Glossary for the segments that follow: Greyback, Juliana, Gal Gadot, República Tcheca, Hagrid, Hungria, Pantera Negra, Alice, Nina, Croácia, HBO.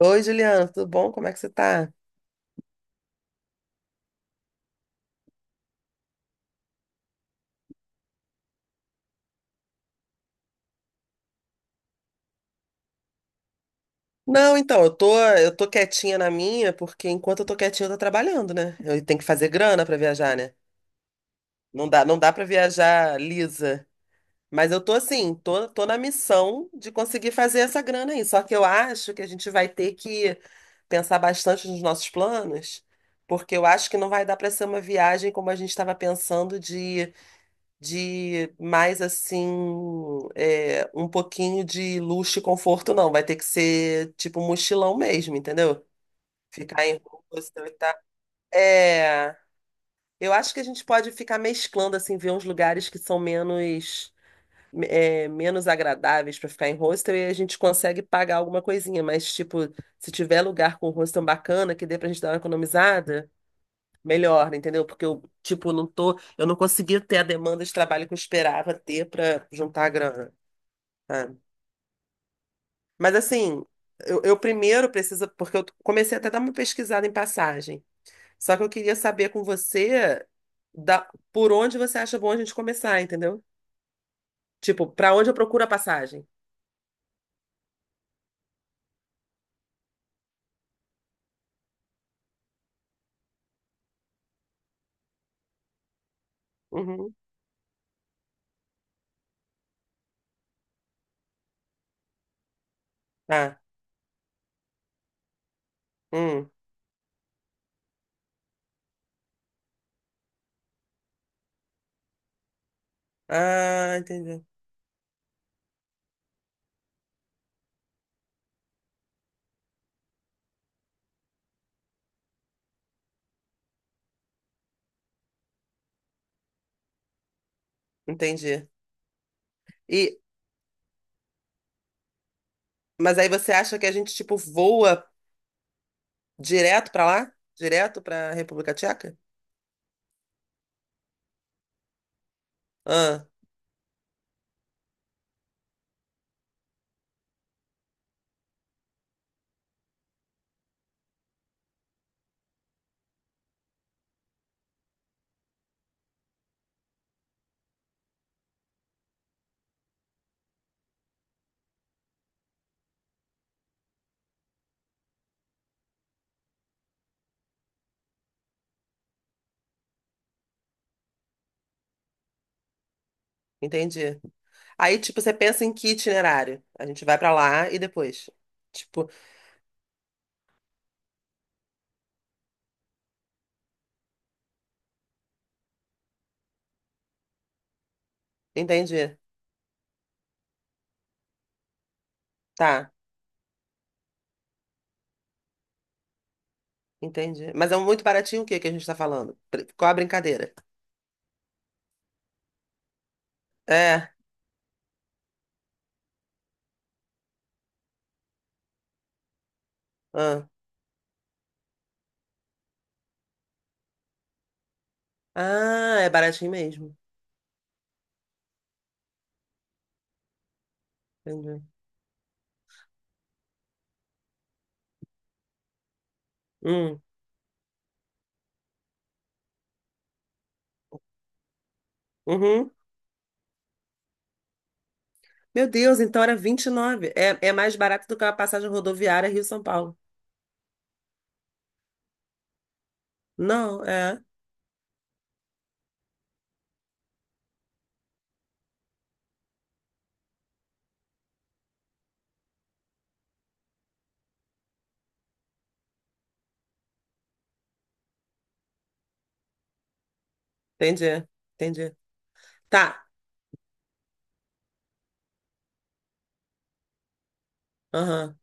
Oi, Juliana, tudo bom? Como é que você tá? Não, então, eu tô quietinha na minha, porque enquanto eu tô quietinha, eu tô trabalhando, né? Eu tenho que fazer grana pra viajar, né? Não dá para viajar lisa. Mas eu tô assim, tô na missão de conseguir fazer essa grana aí. Só que eu acho que a gente vai ter que pensar bastante nos nossos planos, porque eu acho que não vai dar para ser uma viagem como a gente estava pensando de mais assim, é, um pouquinho de luxo e conforto, não. Vai ter que ser tipo mochilão mesmo, entendeu? Ficar em hostel e tal. É, eu acho que a gente pode ficar mesclando, assim, ver uns lugares que são menos. É, menos agradáveis para ficar em hostel e a gente consegue pagar alguma coisinha, mas tipo, se tiver lugar com hostel bacana que dê pra gente dar uma economizada, melhor, entendeu? Porque eu, tipo, não tô, eu não consegui ter a demanda de trabalho que eu esperava ter para juntar a grana, sabe? Mas assim, eu primeiro preciso, porque eu comecei até a dar uma pesquisada em passagem. Só que eu queria saber com você da, por onde você acha bom a gente começar, entendeu? Tipo, para onde eu procuro a passagem? Uhum. Tá. Hum. Ah, entendi. Entendi. E, mas aí você acha que a gente, tipo, voa direto para lá? Direto para República Tcheca? Ah. Entendi. Aí, tipo, você pensa em que itinerário? A gente vai pra lá e depois. Tipo, entendi. Tá, entendi. Mas é um muito baratinho o que que a gente tá falando? Qual a brincadeira? É. Ah, ah, é baratinho mesmo. Entendi. Hum. Uhum. Meu Deus, então era 29. É, é mais barato do que uma passagem rodoviária Rio-São Paulo. Não, é. Entendi. Entendi. Tá. Aham.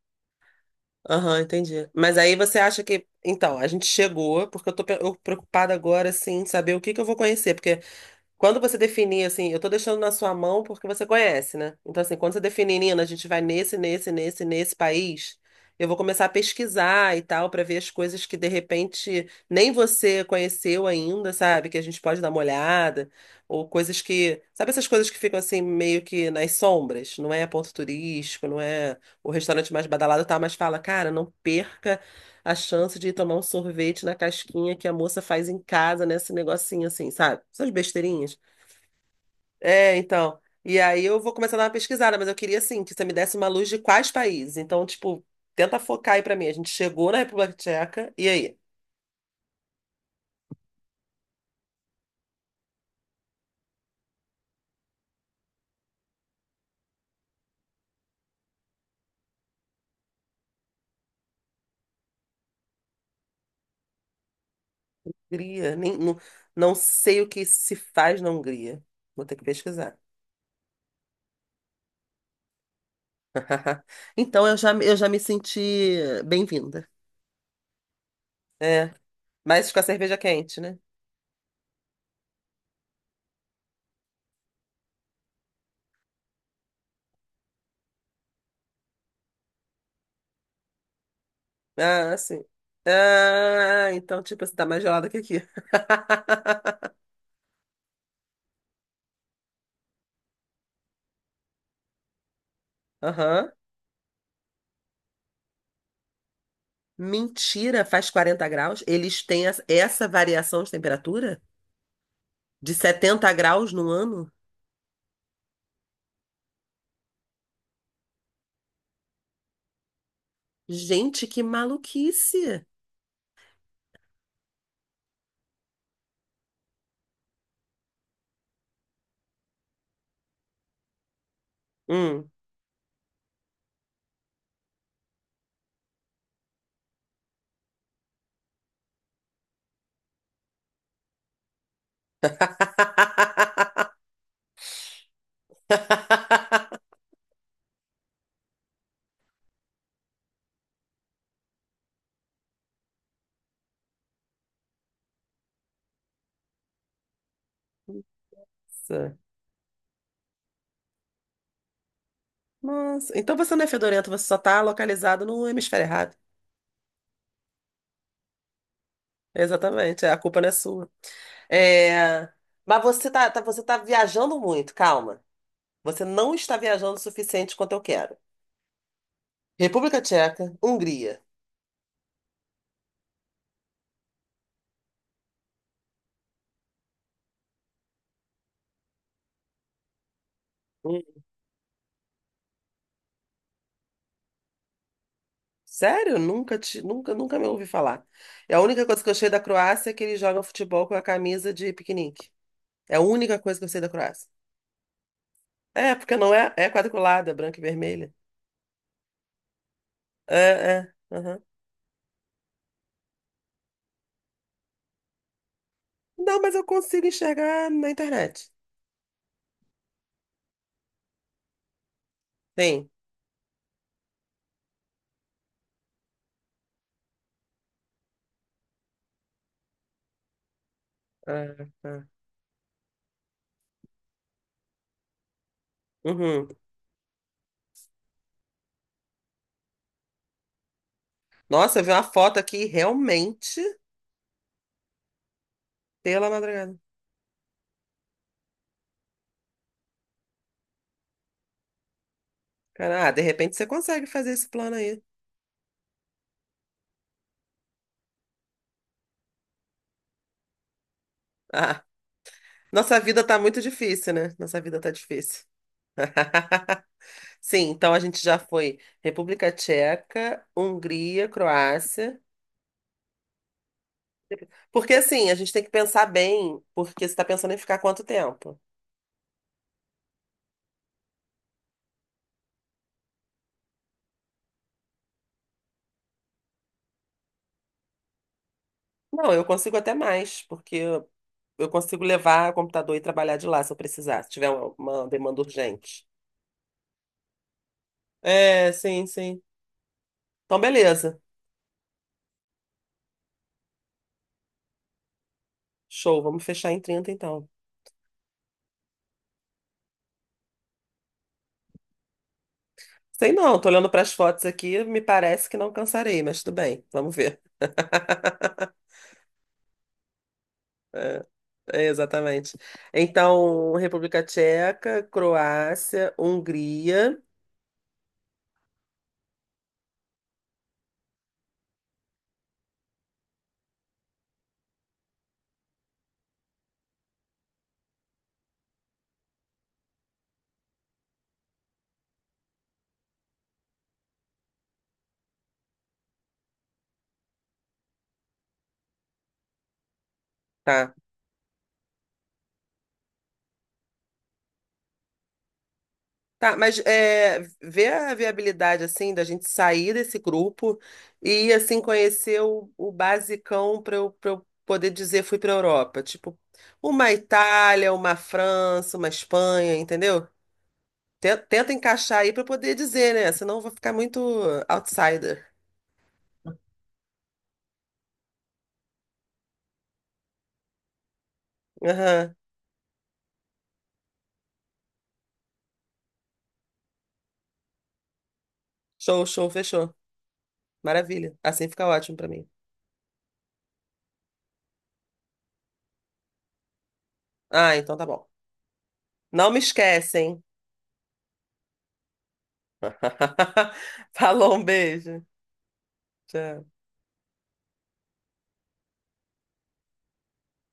Aham, entendi. Mas aí você acha que. Então, a gente chegou, porque eu preocupada agora, assim, em saber o que que eu vou conhecer. Quando você definir, assim, eu tô deixando na sua mão porque você conhece, né? Então, assim, quando você definir, Nina, a gente vai nesse país, eu vou começar a pesquisar e tal, pra ver as coisas que de repente nem você conheceu ainda, sabe? Que a gente pode dar uma olhada, ou coisas que. Sabe essas coisas que ficam assim, meio que nas sombras? Não é ponto turístico, não é o restaurante mais badalado, tá? Mas fala, cara, não perca a chance de ir tomar um sorvete na casquinha que a moça faz em casa, nesse negocinho assim, sabe? Essas besteirinhas. É, então. E aí eu vou começar a dar uma pesquisada, mas eu queria, assim, que você me desse uma luz de quais países. Então, tipo, tenta focar aí pra mim. A gente chegou na República Tcheca, e aí? Hungria? Nem, não, não sei o que se faz na Hungria. Vou ter que pesquisar. Então, eu já me senti bem-vinda. É, mas com a cerveja quente, né? Ah, sim. Ah, então, tipo, você tá mais gelada que aqui. Aham. Mentira, faz 40 graus? Eles têm essa variação de temperatura? De 70 graus no ano? Gente, que maluquice! Hum. Nossa. Nossa. Então você não é fedorento, você só está localizado no hemisfério errado. Exatamente, é, a culpa não é sua. É, mas você tá viajando muito, calma. Você não está viajando o suficiente quanto eu quero. República Tcheca, Hungria. Sério? Nunca, te, nunca, nunca me ouvi falar. E a única coisa que eu sei da Croácia é que eles jogam futebol com a camisa de piquenique. É a única coisa que eu sei da Croácia. É, porque não é, é quadriculada, branca e vermelha. É, é. Aham. Não, mas eu consigo enxergar na internet. Sim. Ah, tá. Uhum. Nossa, eu vi uma foto aqui realmente pela madrugada. Cara, ah, de repente você consegue fazer esse plano aí. Ah, nossa vida tá muito difícil, né? Nossa vida tá difícil. Sim, então a gente já foi República Tcheca, Hungria, Croácia. Porque assim, a gente tem que pensar bem, porque você está pensando em ficar quanto tempo? Não, eu consigo até mais, porque eu consigo levar o computador e trabalhar de lá se eu precisar, se tiver uma demanda urgente. É, sim, sim. Então, beleza. Show, vamos fechar em 30 então. Sei não, tô olhando para as fotos aqui, me parece que não cansarei, mas tudo bem, vamos ver. É, exatamente. Então, República Tcheca, Croácia, Hungria, tá. Tá, mas é, vê a viabilidade, assim, da gente sair desse grupo e, assim, conhecer o basicão para eu, pra eu poder dizer fui para Europa. Tipo, uma Itália, uma França, uma Espanha, entendeu? Tenta encaixar aí para poder dizer, né? Senão eu vou ficar muito outsider. Aham. Show, show, fechou. Maravilha. Assim fica ótimo para mim. Ah, então tá bom. Não me esquecem. Falou, um beijo. Tchau.